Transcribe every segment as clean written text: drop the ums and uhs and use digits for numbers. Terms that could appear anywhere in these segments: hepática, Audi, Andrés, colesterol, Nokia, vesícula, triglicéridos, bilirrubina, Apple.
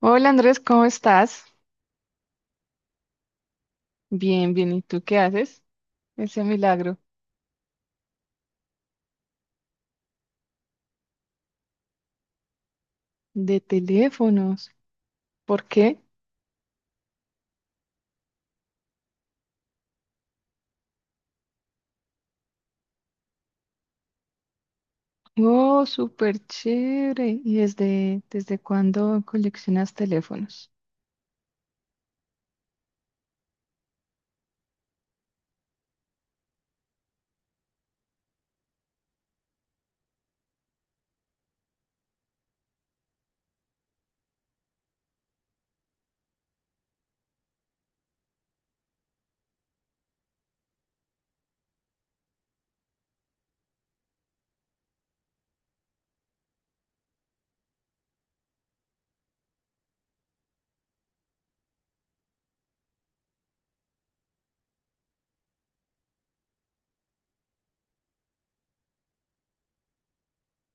Hola Andrés, ¿cómo estás? Bien, bien. ¿Y tú qué haces? Ese milagro de teléfonos. ¿Por qué? Oh, súper chévere. ¿Y desde cuándo coleccionas teléfonos?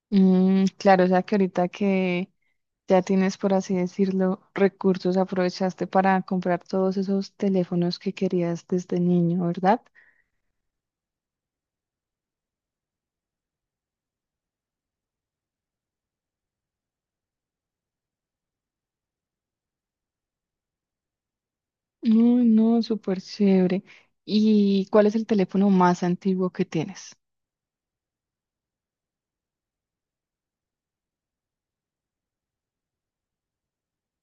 Mm, claro, o sea que ahorita que ya tienes, por así decirlo, recursos, aprovechaste para comprar todos esos teléfonos que querías desde niño, ¿verdad? Uy, no, súper chévere. ¿Y cuál es el teléfono más antiguo que tienes?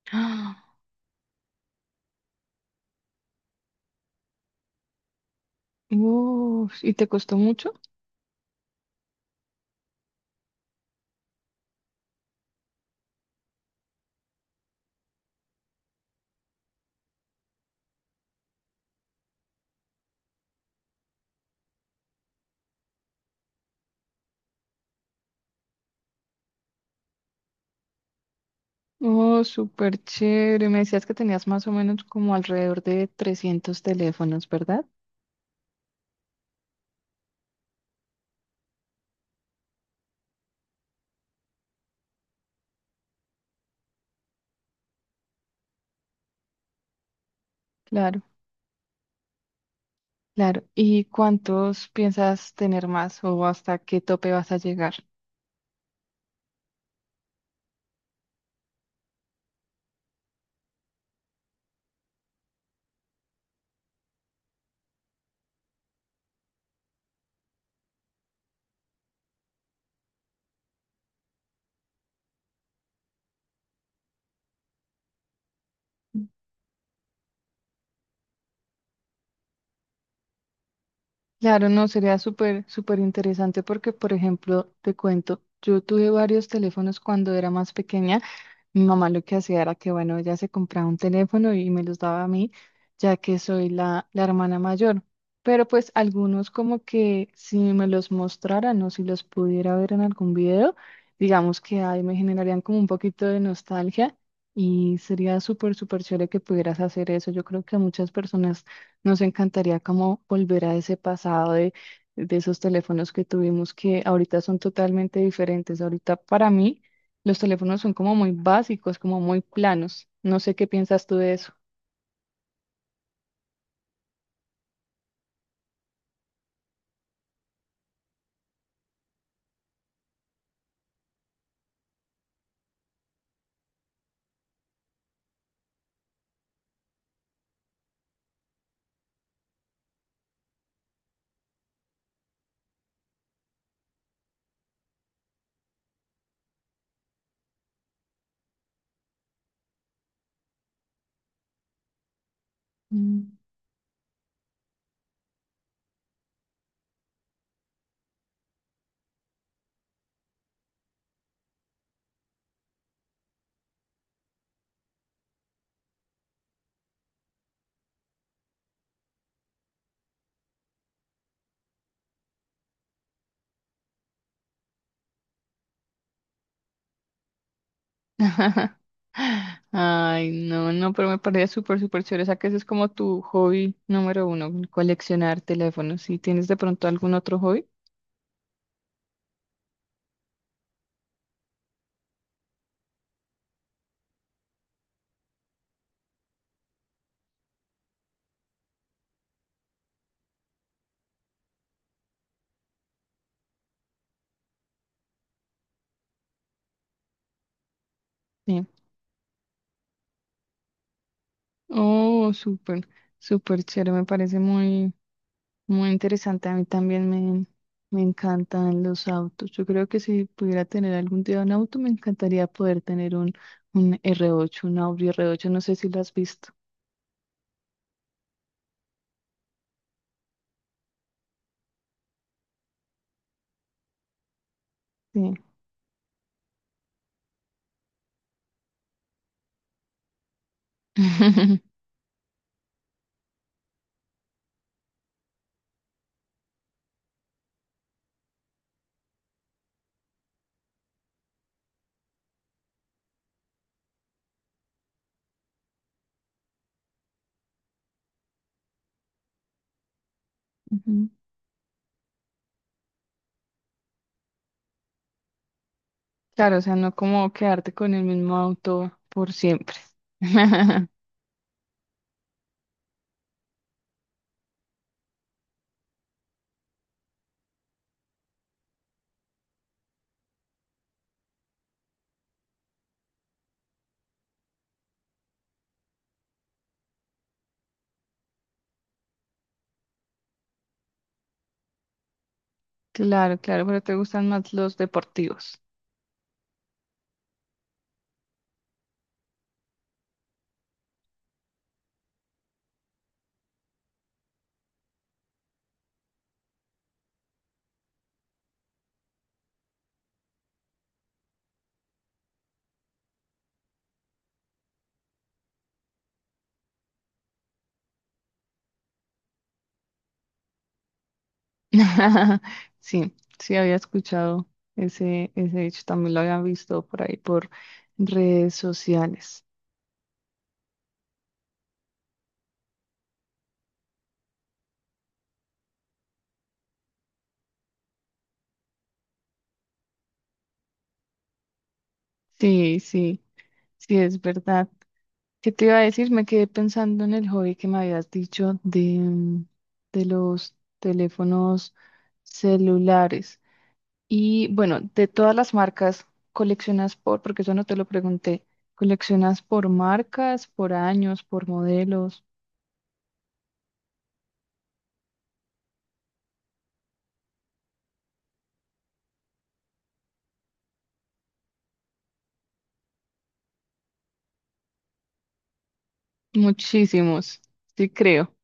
Uf, ¿y te costó mucho? Oh, súper chévere. Me decías que tenías más o menos como alrededor de 300 teléfonos, ¿verdad? Claro, claro. ¿Y cuántos piensas tener más o hasta qué tope vas a llegar? Claro, no, sería súper, súper interesante porque, por ejemplo, te cuento, yo tuve varios teléfonos cuando era más pequeña. Mi mamá lo que hacía era que, bueno, ella se compraba un teléfono y me los daba a mí, ya que soy la hermana mayor. Pero pues algunos como que si me los mostraran o si los pudiera ver en algún video, digamos que ahí me generarían como un poquito de nostalgia y sería súper, súper chévere que pudieras hacer eso. Yo creo que a muchas personas nos encantaría como volver a ese pasado de esos teléfonos que tuvimos que ahorita son totalmente diferentes. Ahorita para mí. Los teléfonos son como muy básicos, como muy planos. No sé qué piensas tú de eso. Mm. Ay, no, no, pero me parece súper, súper chévere. O sea, que ese es como tu hobby número uno, coleccionar teléfonos. ¿Y tienes de pronto algún otro hobby? Sí. Oh, súper, súper chévere. Me parece muy, muy interesante. A mí también me encantan los autos. Yo creo que si pudiera tener algún día un auto, me encantaría poder tener un r ocho, un Audi R8. No sé si lo has visto. Sí. Ujú. Claro, o sea, no como quedarte con el mismo auto por siempre. Claro, claro, pero te gustan más los deportivos. Sí, sí había escuchado ese hecho, también lo había visto por ahí por redes sociales. Sí, sí, sí, es verdad. ¿Qué te iba a decir? Me quedé pensando en el hobby que me habías dicho de los teléfonos celulares. Y bueno, de todas las marcas, porque eso no te lo pregunté, ¿coleccionas por marcas, por años, por modelos? Muchísimos, sí creo.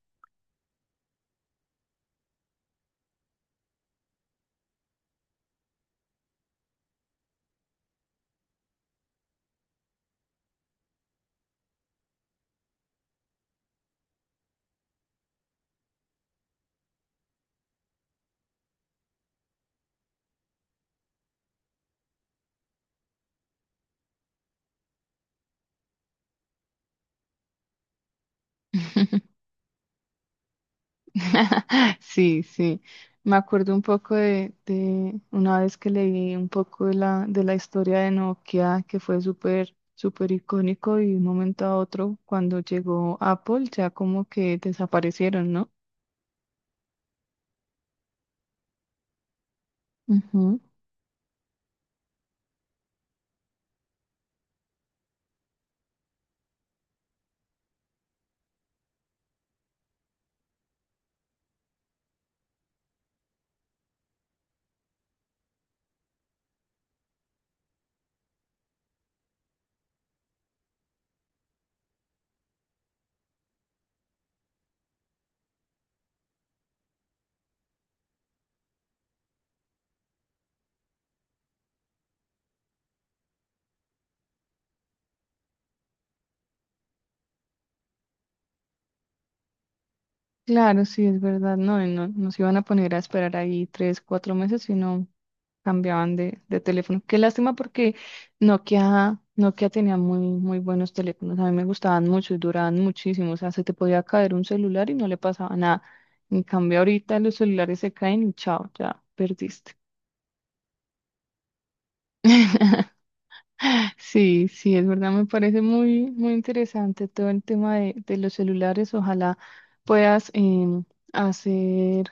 Sí, sí. Me acuerdo un poco de una vez que leí un poco de la historia de Nokia, que fue súper, súper icónico y de un momento a otro, cuando llegó Apple, ya como que desaparecieron, ¿no? Claro, sí, es verdad, no, y no nos iban a poner a esperar ahí 3, 4 meses, sino cambiaban de teléfono. Qué lástima porque Nokia tenía muy, muy buenos teléfonos, a mí me gustaban mucho y duraban muchísimo, o sea, se te podía caer un celular y no le pasaba nada. En cambio, ahorita los celulares se caen y chao, ya perdiste. Sí, sí, es verdad, me parece muy, muy interesante todo el tema de los celulares. Ojalá puedas hacer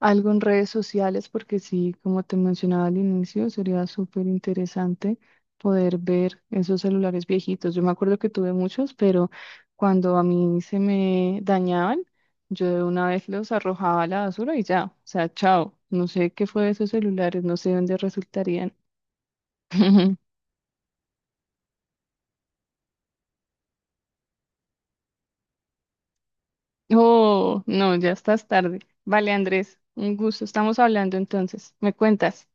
algo en redes sociales, porque sí, como te mencionaba al inicio, sería súper interesante poder ver esos celulares viejitos. Yo me acuerdo que tuve muchos, pero cuando a mí se me dañaban, yo de una vez los arrojaba a la basura y ya, o sea, chao. No sé qué fue de esos celulares, no sé dónde resultarían. Oh, no, ya estás tarde. Vale, Andrés, un gusto. Estamos hablando entonces. ¿Me cuentas?